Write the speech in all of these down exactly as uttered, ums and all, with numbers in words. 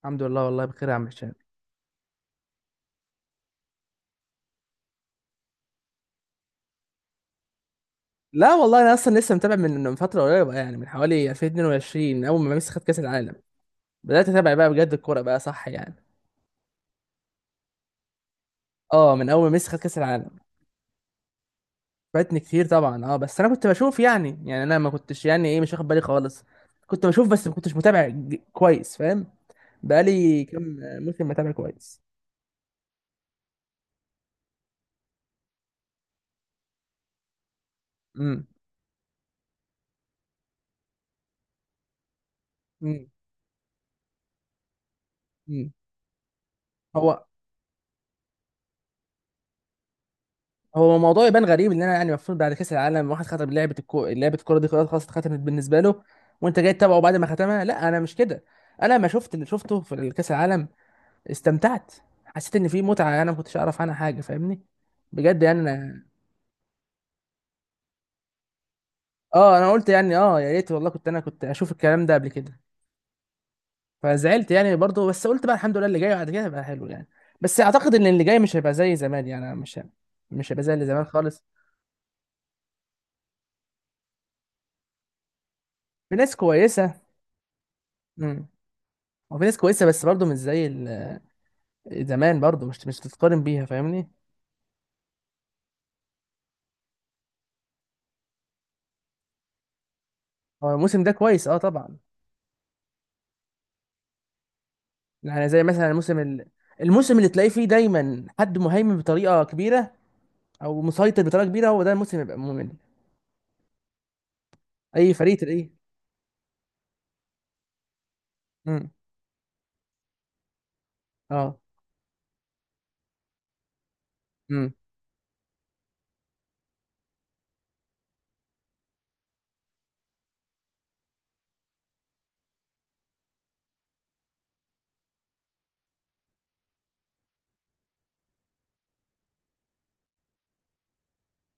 الحمد لله، والله بخير يا عم هشام. لا والله انا اصلا لسه متابع من من فتره قريبه، يعني من حوالي الفين واتنين وعشرين اول ما ميسي خد كاس العالم. بدات اتابع بقى بجد الكوره بقى صح يعني. اه من اول ما ميسي خد كاس العالم. فاتني كتير طبعا، اه بس انا كنت بشوف يعني يعني انا ما كنتش يعني ايه مش واخد بالي خالص. كنت بشوف بس ما كنتش متابع ج- كويس فاهم. بقالي كام موسم متابع كويس. امم امم امم. هو هو الموضوع يبان غريب ان انا يعني المفروض بعد كاس العالم واحد ختم لعبه الكو... لعبه الكوره دي خلاص اتختمت بالنسبه له، وانت جاي تتابعه بعد ما ختمها. لا انا مش كده، انا ما شفت اللي شفته في كاس العالم. استمتعت، حسيت ان في متعه انا ما كنتش اعرف عنها حاجه، فاهمني؟ بجد يعني انا. اه انا قلت يعني اه يا ريت والله كنت انا كنت اشوف الكلام ده قبل كده. فزعلت يعني برضه، بس قلت بقى الحمد لله اللي جاي بعد كده هيبقى حلو يعني. بس اعتقد ان اللي جاي مش هيبقى زي زمان يعني مش. مش هيبقى زي اللي زمان خالص. في ناس كويسه. امم وفي ناس كويسه بس برضه مش زي زمان، برضو مش مش تتقارن بيها فاهمني. هو الموسم ده كويس، اه طبعا. يعني زي مثلا الموسم ال... الموسم اللي تلاقيه فيه دايما حد مهيمن بطريقه كبيره او مسيطر بطريقه كبيره، هو ده الموسم يبقى ممل. اي فريق تلاقيه. امم اه. امم.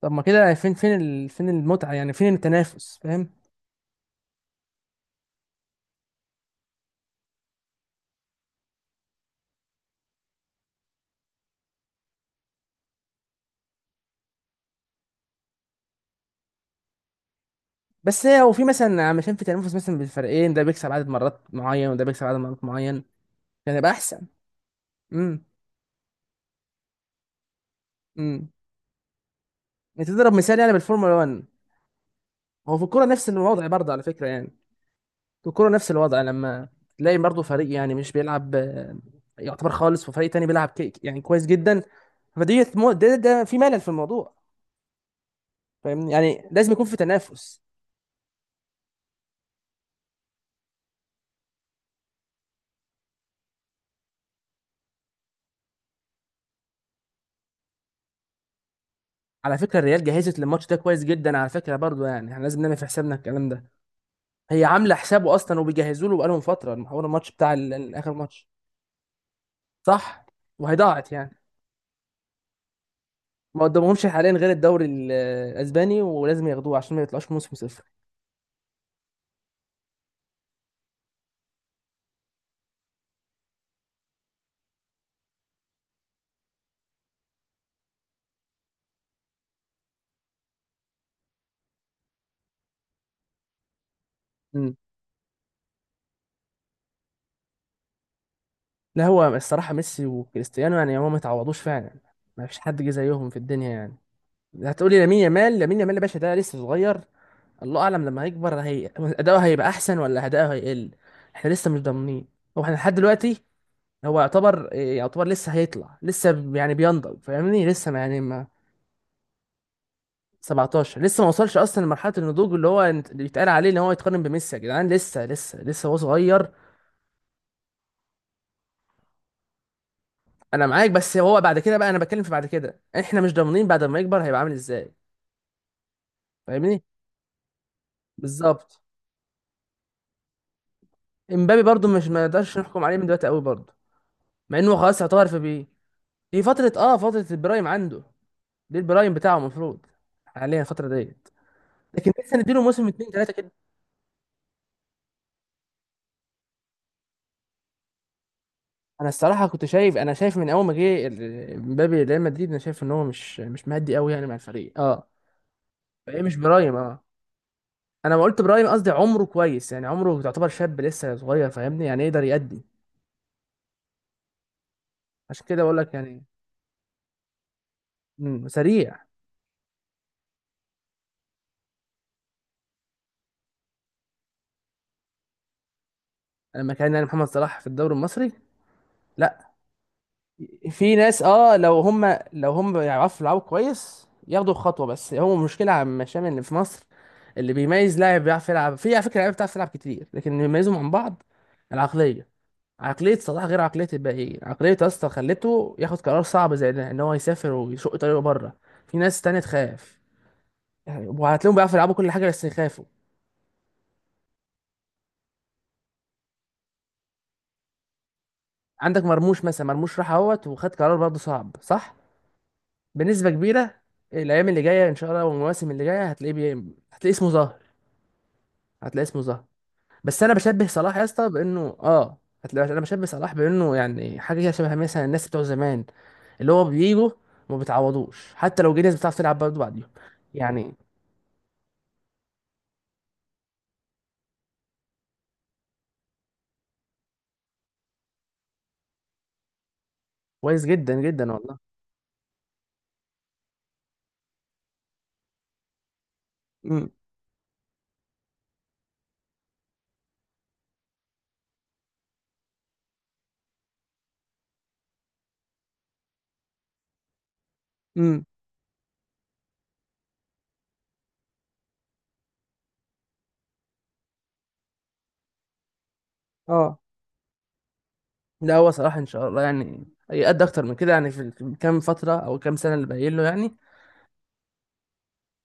طب ما كده، فين فين ال... فين المتعه يعني، فين التنافس فاهم؟ بس هي هو في مثلا، علشان في تنافس مثلا بين الفريقين، ده بيكسب عدد مرات معين وده بيكسب عدد مرات معين كان يبقى احسن. امم امم. تضرب مثال يعني بالفورمولا واحد. هو في الكوره نفس الوضع برضه على فكره يعني. الكورة نفس الوضع، لما تلاقي برضه فريق يعني مش بيلعب آه، يعتبر خالص، وفريق تاني بيلعب كيك يعني كويس جدا. فدي مو- ده, ده في ملل في الموضوع. فاهمني يعني لازم يكون في تنافس. على فكرة الريال جهزت للماتش ده كويس جدا، على فكرة برضه يعني احنا لازم نعمل في حسابنا الكلام ده. هي عاملة حسابه أصلا، وبيجهزوا له بقالهم فترة المحور، الماتش بتاع ال- ال- آخر ماتش. صح. وهيضاعت يعني. ما قدامهمش حاليا غير الدوري ال- الأسباني، ولازم ياخدوه عشان ما يطلعوش موسم صفر. لا هو الصراحة ميسي وكريستيانو يعني هو ما تعوضوش فعلا. ما فيش حد جه زيهم في الدنيا يعني. هتقولي لامين يامال، لامين يامال يا باشا ده لسه صغير. الله اعلم لما هيكبر هي اداؤه هيبقى احسن ولا اداؤه هيقل. احنا لسه مش ضامنين. هو احنا لحد دلوقتي هو يعتبر، يعتبر لسه هيطلع لسه ب- يعني بينضج فاهمني، لسه ما يعني ما. سبعتاشر، لسه ما وصلش اصلا لمرحله النضوج اللي هو يت- اللي يتقال عليه ان هو يتقارن بميسي. يا جدعان لسه لسه لسه هو صغير. انا معاك، بس هو بعد كده بقى انا بتكلم في بعد كده، احنا مش ضامنين بعد ما يكبر هيبقى عامل ازاي. فاهمني؟ بالظبط. امبابي برضو مش، ما نقدرش نحكم عليه من دلوقتي قوي برضو. مع انه خلاص يعتبر في بي دي فتره، اه فتره البرايم عنده. دي البرايم بتاعه المفروض حاليا، الفتره ديت. لكن لسه نديله موسم اتنين تلاته كده. انا الصراحه كنت شايف، انا شايف من اول ما جه ال- امبابي ريال مدريد، انا شايف ان هو مش مش مهدي قوي يعني مع الفريق اه. فايه مش برايم اه. انا ما قلت برايم، قصدي عمره كويس يعني، عمره يعتبر شاب لسه صغير فاهمني يعني يقدر يأدي. عشان كده بقول لك يعني. مم، سريع. لما كان يعني محمد صلاح في الدوري المصري. لا، في ناس اه، لو هم لو هم يعرفوا يلعبوا كويس ياخدوا خطوه، بس هو المشكله عم شامل اللي في مصر، اللي بيميز لاعب بيعرف يلعب. في على فكره لعيبه بتعرف تلعب كتير، لكن اللي بيميزهم عن بعض العقليه. عقليه صلاح غير عقليه الباقيين، عقليه يا اسطى خلته ياخد قرار صعب زي ده، ان هو يسافر ويشق طريقه بره. في ناس تانية تخاف يعني، وهتلاقيهم بيعرفوا يلعبوا كل حاجه بس يخافوا. عندك مرموش مثلا، مرموش راح اهوت وخد قرار برضه صعب. صح، بنسبه كبيره. الايام اللي جايه ان شاء الله والمواسم اللي جايه هتلاقيه بي... هتلاقيه اسمه ظهر. هتلاقي اسمه ظهر. بس انا بشبه صلاح يا اسطى بانه اه، هتلاقي انا بشبه صلاح بانه يعني حاجه كده شبه مثلا الناس بتوع زمان، اللي هو بيجوا ما بيتعوضوش حتى لو جه ناس بتعرف تلعب برضه بعديهم. يعني كويس جدا جدا والله. امم امم. اه لا هو صلاح ان شاء الله يعني هيأدي اكتر من كده يعني في ال- كام فتره او كام سنه اللي باقيين له يعني.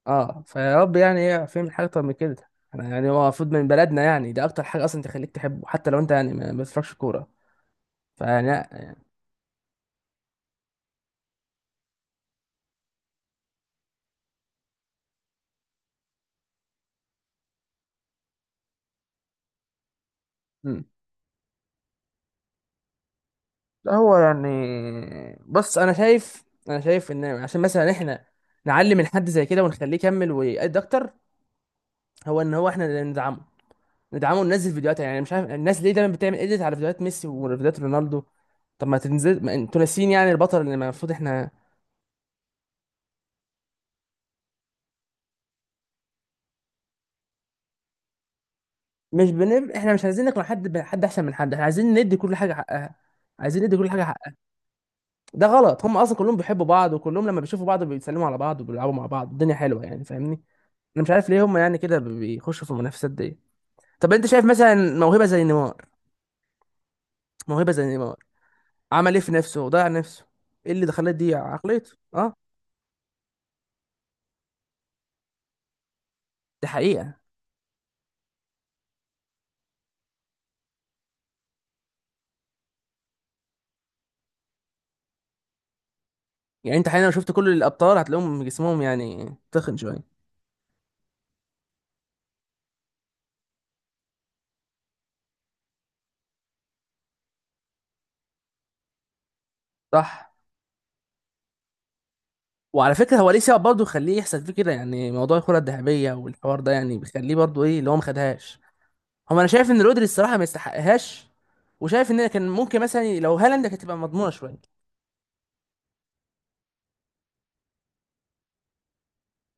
اه فيا رب يعني ايه، فاهم؟ حاجه اكتر من كده. انا يعني هو المفروض من بلدنا يعني، ده اكتر حاجه اصلا تخليك تحبه حتى لو انت يعني ما ما بتفرجش كوره. فيعني لا. لا هو يعني، بص انا شايف، انا شايف ان عشان مثلا احنا نعلم الحد زي كده ونخليه يكمل ويأدي اكتر، هو ان هو احنا اللي ندعمه. ندعمه وننزل فيديوهات يعني. مش عارف الناس ليه دايما بتعمل اديت على فيديوهات ميسي وفيديوهات رونالدو. طب ما تنزل، ما انتوا ناسيين يعني البطل اللي المفروض احنا. مش بنب... احنا مش عايزين نقنع حد بحد احسن من حد، احنا عايزين ندي كل حاجه حقها. عايزين ندي كل حاجه حقها. ده غلط، هم اصلا كلهم بيحبوا بعض، وكلهم لما بيشوفوا بعض بيتسلموا على بعض وبيلعبوا مع بعض. الدنيا حلوه يعني فاهمني. انا مش عارف ليه هم يعني كده بيخشوا في المنافسات دي. طب انت شايف مثلا موهبه زي نيمار؟ موهبه زي نيمار، عمل ايه في نفسه؟ ضيع نفسه. ايه اللي خلاه يضيع عقليته اه؟ دي حقيقه. يعني انت حاليا لو شفت كل الابطال هتلاقيهم جسمهم يعني تخن شويه. صح. وعلى فكره هو ليه سبب برضه يخليه يحصل فيه كده، يعني موضوع الكره الذهبيه والحوار ده يعني بيخليه برضه ايه اللي هو ما خدهاش. هو انا شايف ان رودري الصراحه ما يستحقهاش، وشايف ان كان ممكن مثلا لو هالاند كانت تبقى مضمونه شويه.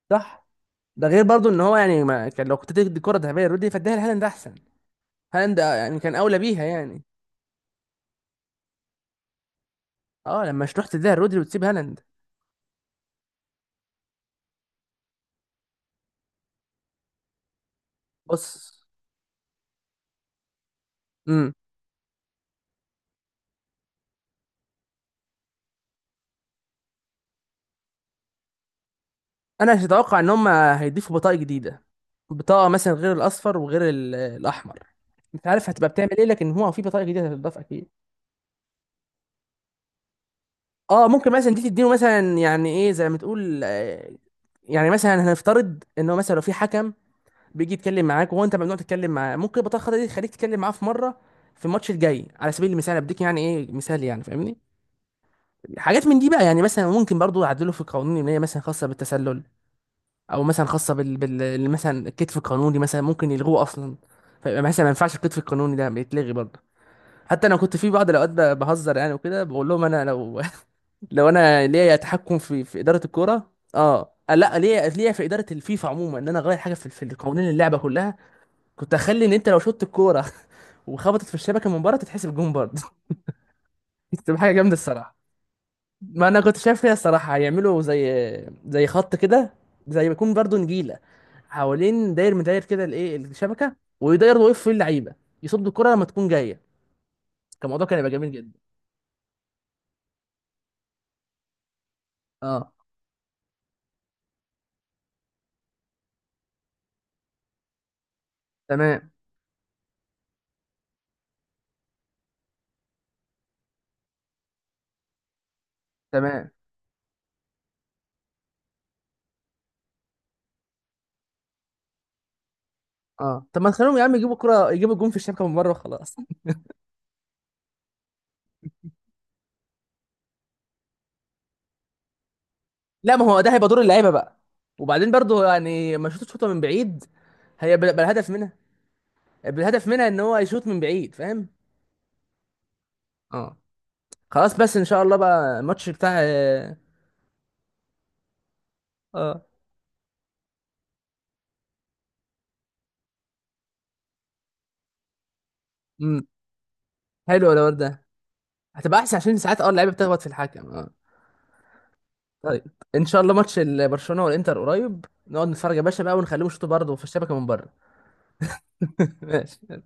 صح. ده غير برضه ان هو يعني ما كان، لو كنت تدي الكره الذهبيه لرودري فاديها لهالاند احسن. هالاند يعني كان اولى بيها يعني. اه لما مش تروح تديها رودري وتسيب هالاند. بص. امم انا مش اتوقع ان هم هيضيفوا بطاقه جديده، بطاقه مثلا غير الاصفر وغير ال- الاحمر. انت عارف هتبقى بتعمل ايه، لكن هو في بطاقه جديده هتتضاف اكيد. اه ممكن مثلا دي تديله مثلا يعني ايه زي ما تقول آه، يعني مثلا هنفترض ان هو مثلا لو في حكم بيجي يتكلم معاك وهو انت ممنوع تتكلم معاه، ممكن البطاقه الخضراء دي تخليك تتكلم معاه في مره في الماتش الجاي على سبيل المثال. أنا بديك يعني ايه مثال يعني، فاهمني؟ حاجات من دي بقى يعني. مثلا ممكن برضو يعدلوا في القوانين ان هي مثلا خاصه بالتسلل، او مثلا خاصه بال, بال... مثلا الكتف القانوني مثلا ممكن يلغوه اصلا. فيبقى مثلا ما ينفعش، الكتف القانوني ده بيتلغي برضه. حتى انا كنت في بعض الاوقات ب- بهزر يعني وكده، بقول لهم انا لو لو انا ليا تحكم في في اداره الكوره اه لا، ليا، ليا في اداره الفيفا عموما، ان انا اغير حاجه في في قوانين اللعبه كلها. كنت اخلي ان انت لو شطت الكوره وخبطت في الشبكه من بره تتحسب جون برضه. تبقى حاجه جامده الصراحه. ما انا كنت شايف فيها الصراحه هيعملوا زي زي خط كده، زي ما يكون برضو نجيله حوالين داير مداير كده الايه الشبكه، ويداير ويقف فيه اللعيبه يصد الكره لما تكون جايه. كان الموضوع كان هيبقى جميل جدا. اه تمام. تمام. اه طب ما تخليهم يا عم يجيبوا الكره، يجيبوا الجون في الشبكه من بره وخلاص. لا ما هو ده هيبقى دور اللعيبه بقى. وبعدين برضو يعني ما يشوط شوطه من بعيد، هيبقى بالهدف منها. بالهدف منها ان هو يشوط من بعيد، فاهم؟ اه خلاص، بس ان شاء الله بقى الماتش بتاع اه. آه. حلو الولد ده. هتبقى احسن عشان ساعات اه اللعيبه بتخبط في الحكم اه. طيب. ان شاء الله ماتش ال- برشلونه والانتر قريب، نقعد نتفرج يا باشا بقى ونخليهم يشوطوا برضه في الشبكه من بره. ماشي.